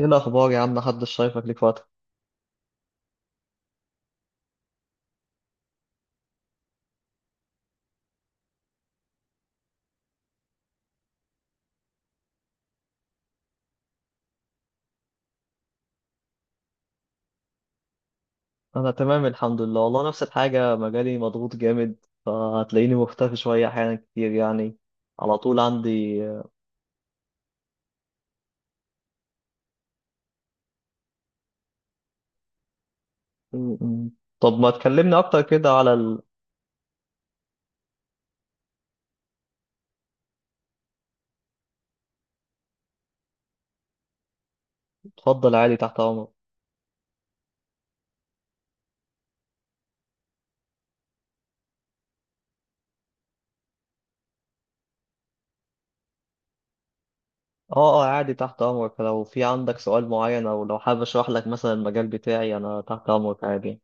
ايه الاخبار يا عم؟ محدش شايفك ليك فتره. انا تمام الحمد لله، والله نفس الحاجه، مجالي مضغوط جامد. فهتلاقيني مختفي شويه احيانا كتير يعني، على طول عندي. م- م. طب ما تكلمني اكتر كده على اتفضل عادي، تحت امرك. اه اه عادي، تحت امرك. لو في عندك سؤال معين او لو حابب اشرح لك مثلا المجال بتاعي، انا تحت امرك عادي.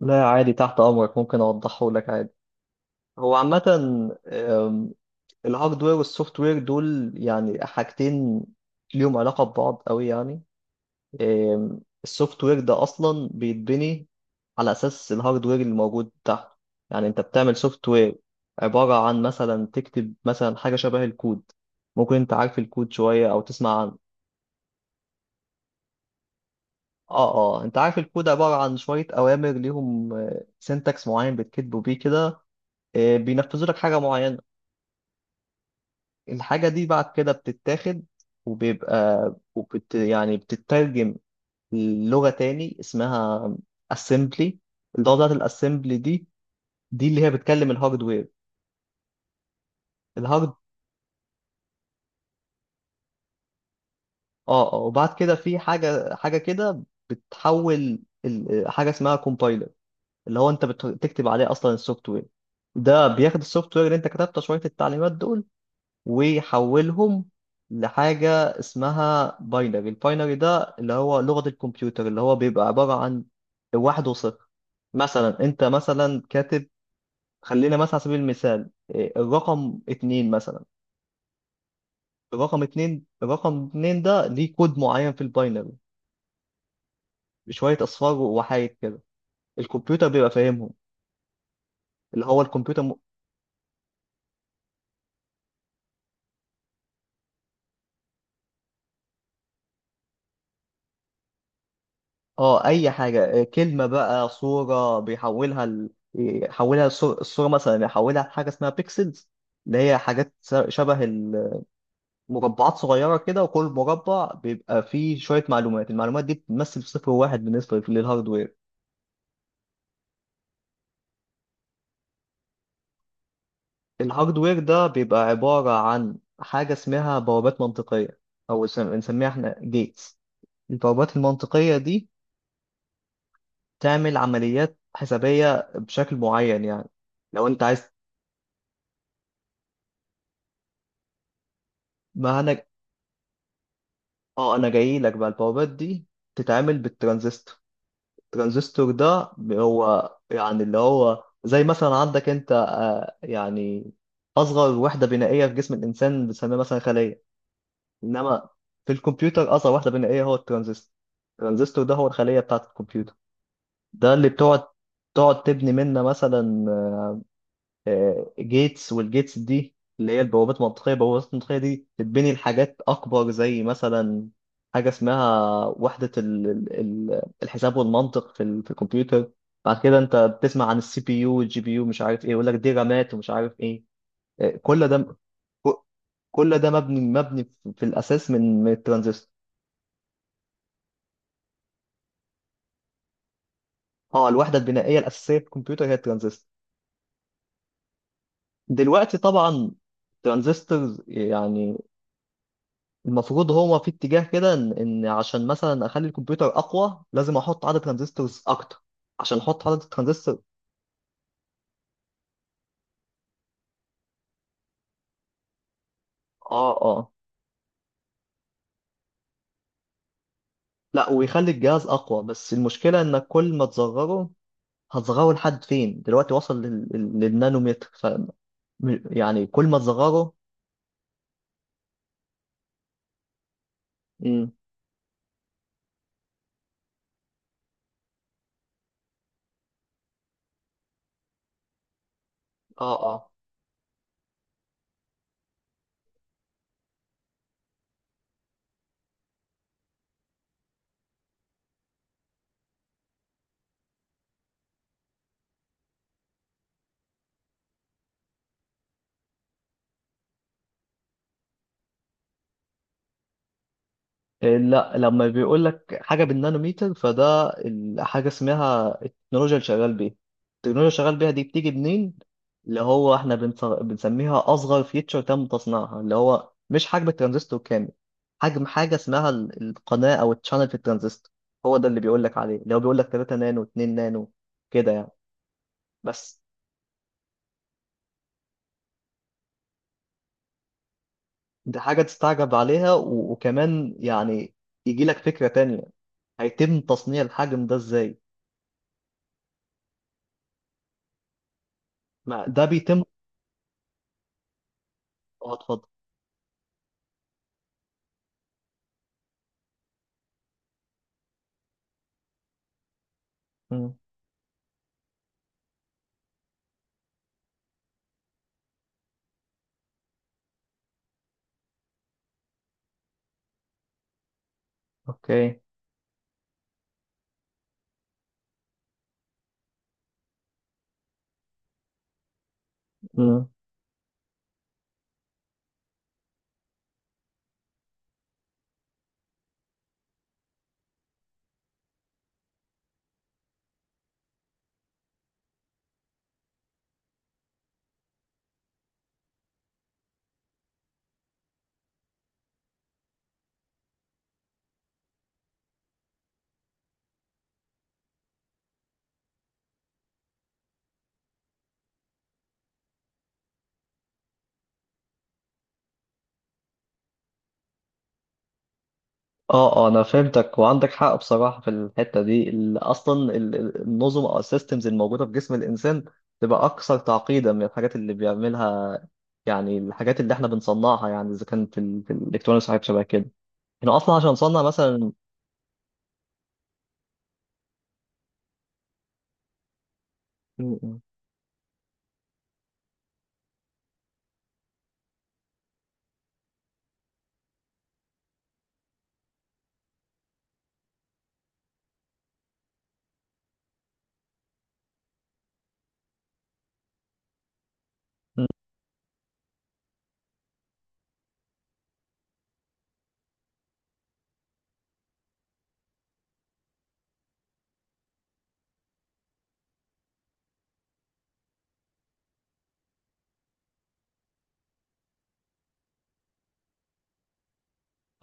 لا عادي، تحت امرك، ممكن اوضحه لك عادي. هو عامه الهاردوير والسوفت وير دول يعني حاجتين ليهم علاقة ببعض قوي يعني. السوفت وير ده أصلا بيتبني على أساس الهاردوير اللي موجود تحته. يعني أنت بتعمل سوفت وير عبارة عن مثلا تكتب مثلا حاجة شبه الكود. ممكن أنت عارف الكود شوية أو تسمع عنه. اه اه، انت عارف الكود عبارة عن شوية أوامر ليهم سينتاكس معين بتكتبوا بيه كده، بينفذوا لك حاجة معينة. الحاجة دي بعد كده بتتاخد، وبيبقى وبت يعني بتترجم لغة تاني اسمها assembly. اللغة بتاعت الاسمبلي دي، دي اللي هي بتكلم الهاردوير. الهارد، اه اه، وبعد كده في حاجة حاجة كده بتحول حاجة اسمها compiler اللي هو انت بتكتب عليه اصلا السوفت وير. ده بياخد السوفت وير اللي انت كتبته، شوية التعليمات دول، ويحولهم لحاجة اسمها باينري. الباينري ده اللي هو لغة الكمبيوتر، اللي هو بيبقى عبارة عن واحد وصفر. مثلا انت مثلا كاتب، خلينا مثلا على سبيل المثال، الرقم اتنين مثلا. الرقم اتنين، الرقم اتنين ده ليه كود معين في الباينري بشوية أصفار وحايد كده، الكمبيوتر بيبقى فاهمهم، اللي هو الكمبيوتر. اه اي حاجه، كلمه بقى صوره بيحولها ل... يحولها الصوره، الصورة مثلا يحولها لحاجه اسمها بيكسلز، اللي هي حاجات شبه المربعات صغيره كده، وكل مربع بيبقى فيه شويه معلومات، المعلومات دي بتمثل صفر واحد بالنسبه للهاردوير. الهاردوير ده بيبقى عباره عن حاجه اسمها بوابات منطقيه، او بنسميها احنا جيتس. البوابات المنطقيه دي تعمل عمليات حسابيه بشكل معين يعني. لو انت عايز مهنج، اه انا جاي لك بقى، البوابات دي تتعمل بالترانزستور. الترانزستور ده هو يعني اللي هو زي مثلا عندك انت يعني اصغر وحده بنائيه في جسم الانسان بنسميها مثلا خليه. انما في الكمبيوتر اصغر وحده بنائيه هو الترانزستور. الترانزستور ده هو الخليه بتاعه الكمبيوتر، ده اللي بتقعد تقعد تبني منه مثلا جيتس. والجيتس دي اللي هي البوابات المنطقية. البوابات المنطقية دي تتبني لحاجات أكبر زي مثلا حاجة اسمها وحدة الحساب والمنطق في في الكمبيوتر. بعد كده أنت بتسمع عن السي بي يو والجي بي يو، مش عارف إيه يقول لك دي رامات ومش عارف إيه، كل ده، ك- كل ده مبني مبني في في الأساس من من الترانزستور. اه الوحدة البنائية الأساسية في الكمبيوتر هي الترانزستور. دلوقتي طبعا الترانزستورز يعني المفروض هو في اتجاه كده ان إن عشان مثلا اخلي الكمبيوتر اقوى لازم احط عدد ترانزستورز اكتر، عشان احط عدد ترانزستور. اه اه، لا ويخلي الجهاز اقوى، بس المشكله انك كل ما تصغره، هتصغره لحد فين؟ دلوقتي وصل لل... للنانومتر ف يعني كل ما تصغره. امم، اه اه، لا لما بيقول لك حاجه بالنانوميتر فده حاجه اسمها التكنولوجيا اللي شغال بيها. التكنولوجيا اللي شغال بيها دي بتيجي منين؟ اللي هو احنا بنسميها اصغر فيتشر تم تصنيعها، اللي هو مش حجم الترانزستور كامل، حجم حاجه اسمها القناه او التشانل في الترانزستور. هو ده اللي بيقول لك عليه، اللي هو بيقول لك 3 نانو، 2 نانو كده يعني. بس دي حاجه تستعجب عليها، وكمان يعني يجي لك فكره تانية، هيتم تصنيع الحجم ده ازاي؟ ما ده بيتم. اه اتفضل. مم. اوكي. مم. اه اه، انا فهمتك وعندك حق بصراحه في الحته دي. اصلا النظم او السيستمز الموجوده في جسم الانسان تبقى اكثر تعقيدا من الحاجات اللي بيعملها. يعني الحاجات اللي احنا بنصنعها، يعني اذا كان في، في الالكترونيكس وحاجات شبه كده، احنا اصلا عشان نصنع مثلا. مم.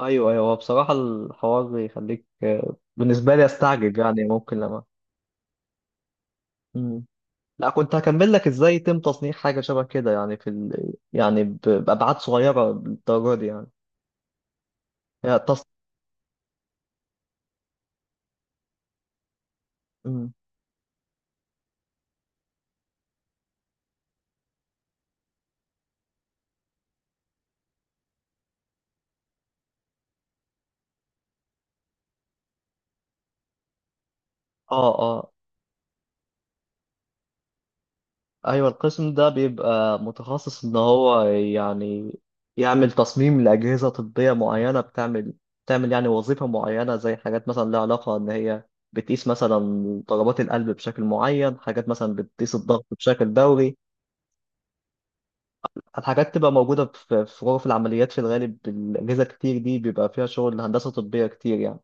ايوه ايوه، هو بصراحه الحوار يخليك بالنسبه لي استعجب يعني، ممكن لما. مم. لا كنت هكمل لك ازاي يتم تصنيع حاجه شبه كده يعني في ال... يعني بابعاد صغيره للدرجه دي يعني. يعني تص... م. اه اه، ايوه، القسم ده بيبقى متخصص ان هو يعني يعمل تصميم لاجهزه طبيه معينه بتعمل، بتعمل يعني وظيفه معينه زي حاجات مثلا لها علاقه ان هي بتقيس مثلا ضربات القلب بشكل معين، حاجات مثلا بتقيس الضغط بشكل دوري. الحاجات تبقى موجوده في في غرف العمليات في الغالب، الاجهزه كتير دي بيبقى فيها شغل هندسه طبيه كتير يعني.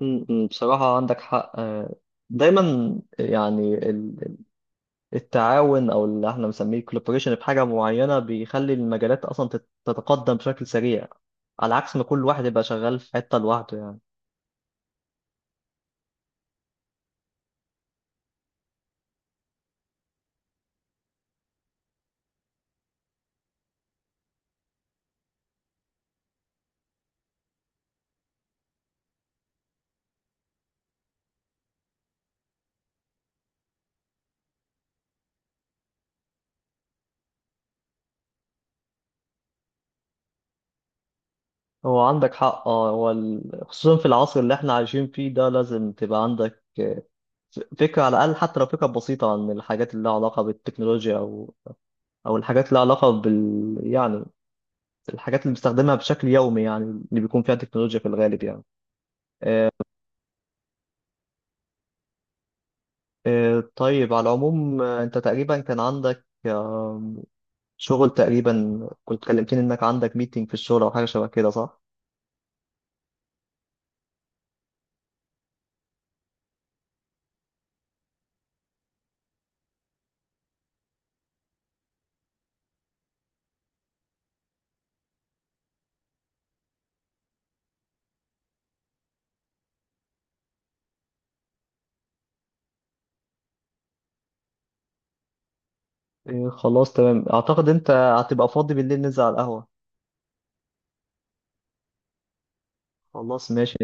م، بصراحه عندك حق دايما يعني التعاون او اللي احنا بنسميه الكولابوريشن في حاجه معينه بيخلي المجالات اصلا تتقدم بشكل سريع، على عكس ما كل واحد يبقى شغال في حته لوحده يعني. هو عندك حق اه، هو خصوصا في العصر اللي احنا عايشين فيه ده لازم تبقى عندك فكره على الاقل، حتى لو فكره بسيطه عن الحاجات اللي لها علاقه بالتكنولوجيا او او الحاجات اللي لها علاقه بال يعني الحاجات اللي بنستخدمها بشكل يومي يعني، اللي بيكون فيها تكنولوجيا في الغالب يعني. طيب على العموم، انت تقريبا كان عندك شغل تقريبا، كنت كلمتني انك عندك ميتنج في الشغل او حاجه شبه كده صح؟ إيه خلاص تمام، اعتقد انت هتبقى فاضي بالليل، ننزل على القهوه. خلاص ماشي.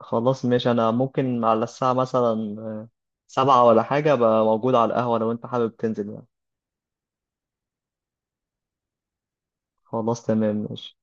خلاص ماشي، انا ممكن على الساعه مثلا سبعة ولا حاجه ابقى موجود على القهوه لو انت حابب تنزل يعني. خلاص تمام ماشي.